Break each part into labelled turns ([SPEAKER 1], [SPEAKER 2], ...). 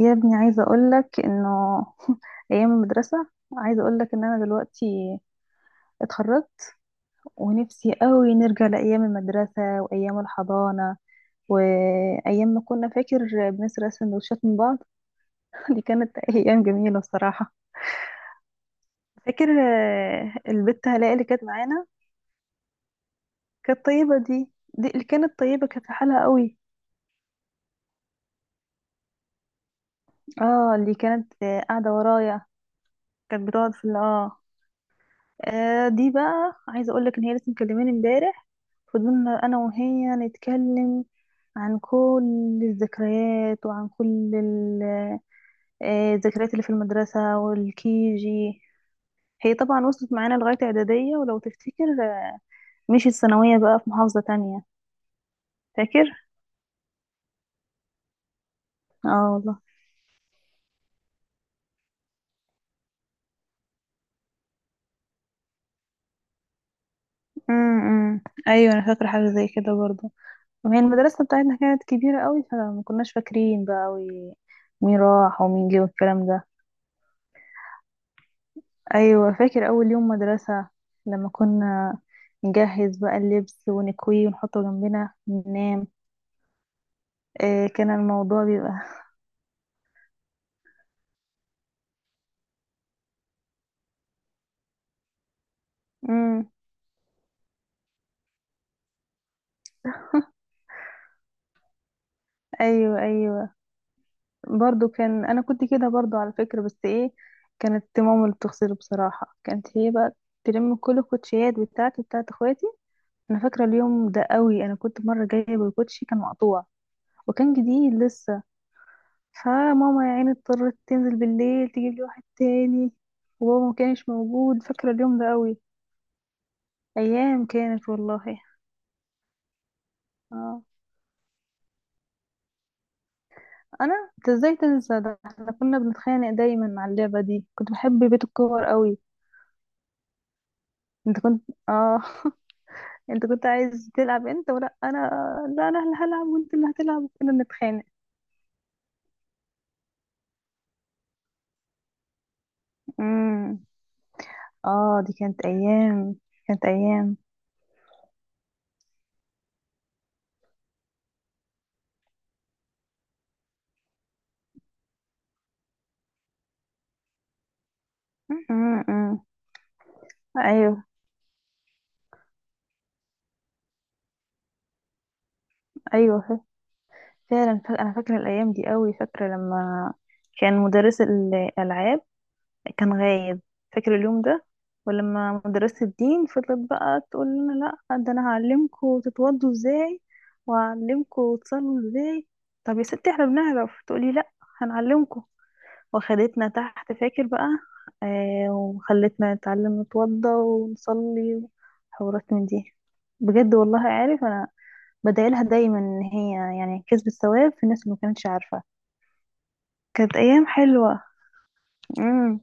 [SPEAKER 1] يا ابني، عايزة أقولك إنه أيام المدرسة، عايزة أقولك إن أنا دلوقتي اتخرجت، ونفسي قوي نرجع لأيام المدرسة وأيام الحضانة، وأيام ما كنا فاكر بنسرق سندوتشات من بعض. دي كانت أيام جميلة الصراحة. فاكر، البت هلاء اللي كانت معانا، كانت طيبة. دي اللي كانت طيبة، كانت في حالها قوي. اه، اللي كانت قاعدة ورايا، كانت بتقعد في دي بقى عايزه اقول لك ان هي لسه مكلماني امبارح، فضلنا انا وهي نتكلم عن كل الذكريات وعن كل الذكريات اللي في المدرسه والكيجي. هي طبعا وصلت معانا لغايه اعداديه، ولو تفتكر, مشيت ثانويه بقى في محافظه تانية. فاكر. اه والله. امم ايوه، انا فاكره حاجه زي كده برضه، وهي المدرسه بتاعتنا كانت كبيره قوي، فما كناش فاكرين بقى قوي مين راح ومين جه والكلام ده. ايوه، فاكر اول يوم مدرسة لما كنا نجهز بقى اللبس ونكويه ونحطه جنبنا وننام. إيه كان الموضوع بيبقى! امم. ايوه، ايوه، برضو كان انا كنت كده برضو على فكرة، بس ايه، كانت ماما اللي بتغسله بصراحة، كانت هي بقى تلم كل الكوتشيات بتاعتي بتاعت اخواتي. انا فاكرة اليوم ده قوي، انا كنت مرة جايبة الكوتشي كان مقطوع، وكان جديد لسه، فماما يا عيني اضطرت تنزل بالليل تجيب لي واحد تاني، وبابا ما كانش موجود. فاكرة اليوم ده قوي، ايام كانت والله. اه، انا انت ازاي تنسى ده! احنا كنا بنتخانق دايما مع اللعبة دي، كنت بحب بيت الكور قوي. انت كنت، اه. انت كنت عايز تلعب انت ولا انا؟ لا، انا اللي هلعب وانت اللي هتلعب، وكنا بنتخانق. امم. اه، دي كانت ايام، كانت ايام. امم. ايوه ايوه. فعلا انا فاكره الايام دي قوي. فاكره لما كان مدرس الالعاب كان غايب، فاكره اليوم ده، ولما مدرسه الدين فضلت بقى تقول لنا: لا، ده انا هعلمكم تتوضوا ازاي وهعلمكم تصلوا ازاي. طب يا ستي احنا بنعرف، تقولي لا، هنعلمكم. وخدتنا تحت، فاكر بقى. آه، وخلتنا نتعلم نتوضى ونصلي وحوارات من دي. بجد والله، عارف انا بدايلها دايما ان هي يعني كسبت ثواب في الناس اللي ما كانتش عارفة. كانت ايام حلوة. امم.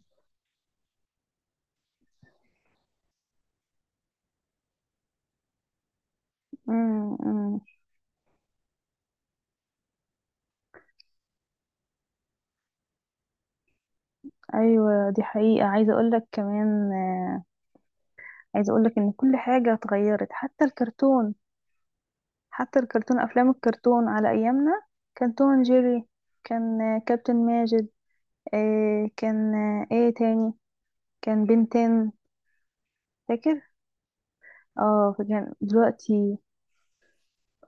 [SPEAKER 1] امم. أمم. ايوه دي حقيقة. عايزة اقول لك كمان, عايزة اقول لك ان كل حاجة اتغيرت حتى الكرتون. حتى الكرتون، افلام الكرتون على ايامنا، كان توم أند جيري، كان كابتن ماجد، كان ايه تاني، كان بنتين. فاكر؟ اه، كان دلوقتي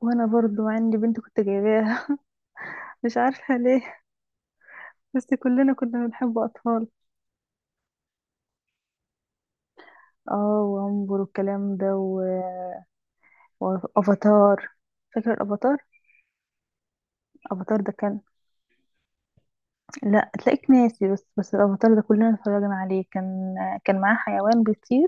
[SPEAKER 1] وانا برضو عندي بنت كنت جايباها، مش عارفة ليه، بس كلنا كنا بنحب أطفال. اه وامبر والكلام ده وافاتار. فاكر الافاتار؟ الافاتار ده كان، لا تلاقيك ناسي، بس الافاتار ده كلنا اتفرجنا عليه. كان كان معاه حيوان بيطير،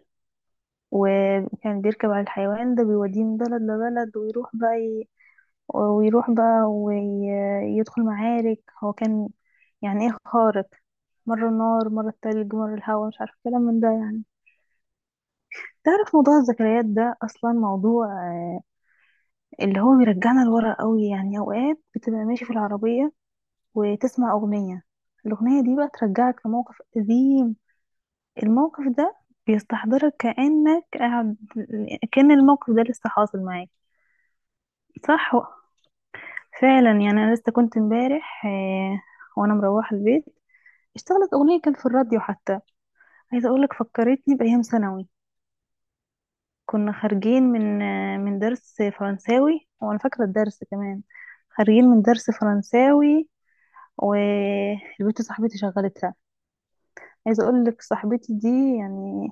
[SPEAKER 1] وكان بيركب على الحيوان ده، بيوديه من بلد لبلد، ويروح بقى ويروح بقى ويدخل معارك. هو كان يعني ايه، خارق، مرة النار مرة التلج مرة الهواء، مش عارفة كلام من ده يعني. تعرف موضوع الذكريات ده أصلا موضوع آه، اللي هو بيرجعنا لورا قوي. يعني اوقات بتبقى ماشي في العربية وتسمع اغنية، الاغنية دي بقى ترجعك لموقف قديم، الموقف ده بيستحضرك كأنك قاعد، كأن الموقف ده لسه حاصل معاك. صح، فعلا. يعني انا لسه كنت امبارح, وانا مروحة البيت، اشتغلت اغنية كان في الراديو حتى، عايزة اقولك فكرتني بايام ثانوي. كنا خارجين من من درس فرنساوي، وانا فاكرة الدرس كمان، خارجين من درس فرنساوي، والبنت صاحبتي شغلتها. عايزه اقول لك صاحبتي دي يعني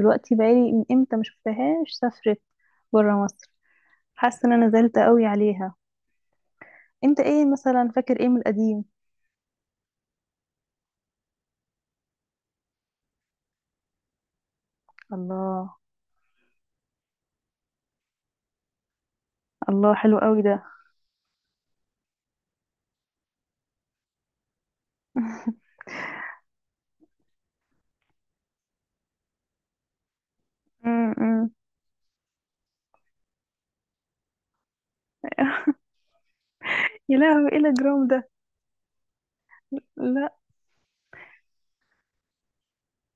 [SPEAKER 1] دلوقتي بقالي من امتى ما شفتهاش، سافرت بره مصر. حاسه ان انا زعلت قوي عليها. انت ايه مثلا فاكر ايه من القديم؟ الله. الله حلو قوي ده. امم. يا لهوي، ايه الاجرام ده! لا.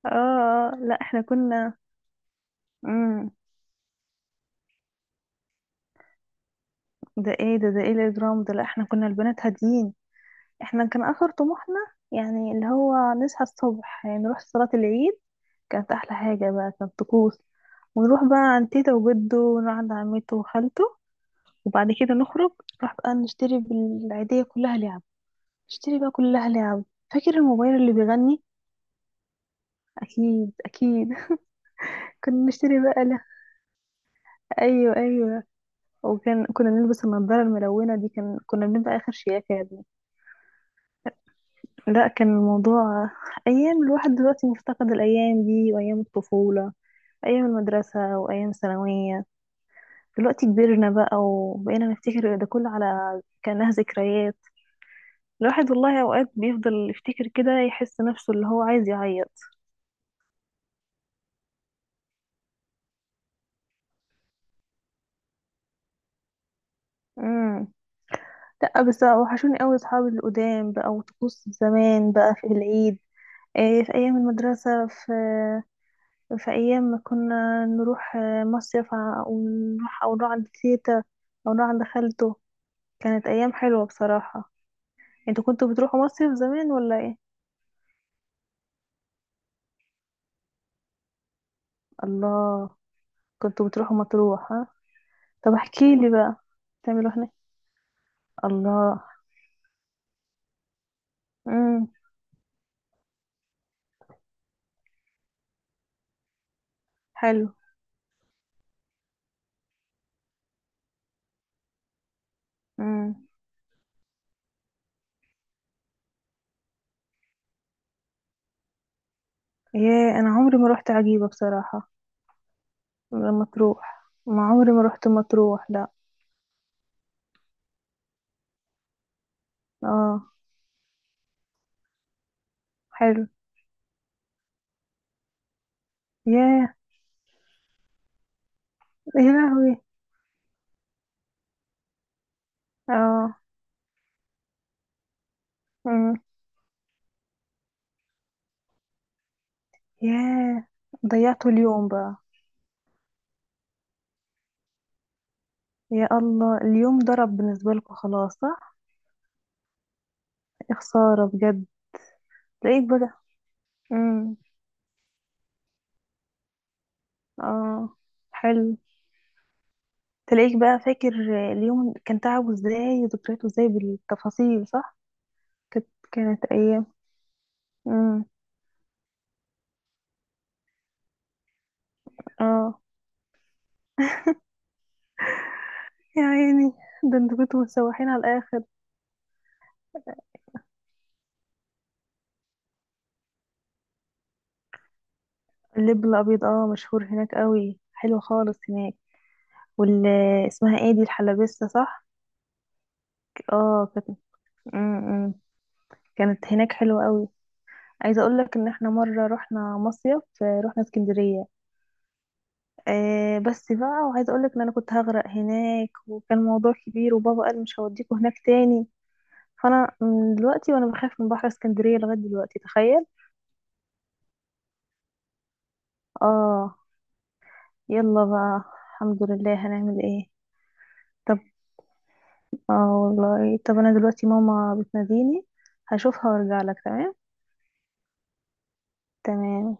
[SPEAKER 1] اه، لا احنا كنا. امم. ده ايه ده ايه الاجرام ده! لا، احنا كنا البنات هاديين. احنا كان اخر طموحنا يعني اللي هو نصحى الصبح يعني نروح صلاة العيد، كانت احلى حاجة بقى، كانت طقوس. ونروح بقى عند تيتا وجده، ونروح عند عمته وخالته، وبعد كده نخرج نروح بقى نشتري بالعيدية كلها لعب، نشتري بقى كلها لعب. فاكر الموبايل اللي بيغني؟ اكيد اكيد. كنا نشتري بقى له. ايوه ايوه، وكان كنا نلبس النضاره الملونه دي، كان كنا بنبقى اخر شياكه يا ابني. لا كان الموضوع، ايام الواحد دلوقتي مفتقد الايام دي وايام الطفوله، أيام المدرسة وأيام الثانوية. دلوقتي كبرنا بقى، وبقينا نفتكر ده كله على كأنها ذكريات. الواحد والله أوقات بيفضل يفتكر كده، يحس نفسه اللي هو عايز يعيط. امم. لأ بس وحشوني أوي صحابي القدام بقى، وطقوس زمان بقى في العيد. إيه، في أيام المدرسة، في أيام ما كنا نروح مصيف ونروح، أو نروح عند تيتا، أو نروح عند خالته. كانت أيام حلوة بصراحة. انتوا كنتوا بتروحوا مصيف زمان ولا ايه؟ الله. كنتوا بتروحوا مطروح، ها؟ طب احكي لي بقى بتعملوا هناك. الله. امم. حلو. امم. ياه، انا عمري ما روحت عجيبة بصراحة. لما تروح، ما عمري ما روحت مطروح لا. اه. حلو. ياه. يا لهوي. اه. امم. ياه، ضيعتوا اليوم بقى. يا الله، اليوم ضرب بالنسبة لكم خلاص، صح. يا خسارة بجد. تلاقيك بقى. امم. اه. حلو. تلاقيك بقى فاكر اليوم كان تعبه ازاي وذكرياته ازاي بالتفاصيل، صح. كانت ايام. امم. اه. يا عيني، ده انتوا كنتوا مسوحين على الاخر. اللب الابيض، اه مشهور هناك قوي، حلو خالص هناك. وال، اسمها ايه دي، الحلبسه، صح. اه كانت. امم. كانت هناك حلوه قوي. عايزه اقول لك ان احنا مره رحنا مصيف, رحنا اسكندريه. آه بس بقى، وعايزه اقول لك ان انا كنت هغرق هناك، وكان موضوع كبير، وبابا قال مش هوديكوا هناك تاني، فانا من دلوقتي وانا بخاف من بحر اسكندرية لغاية دلوقتي، تخيل. اه. يلا بقى الحمد لله هنعمل ايه. طب اه والله، طب انا دلوقتي ماما بتناديني، هشوفها وارجع لك، تمام. تمام.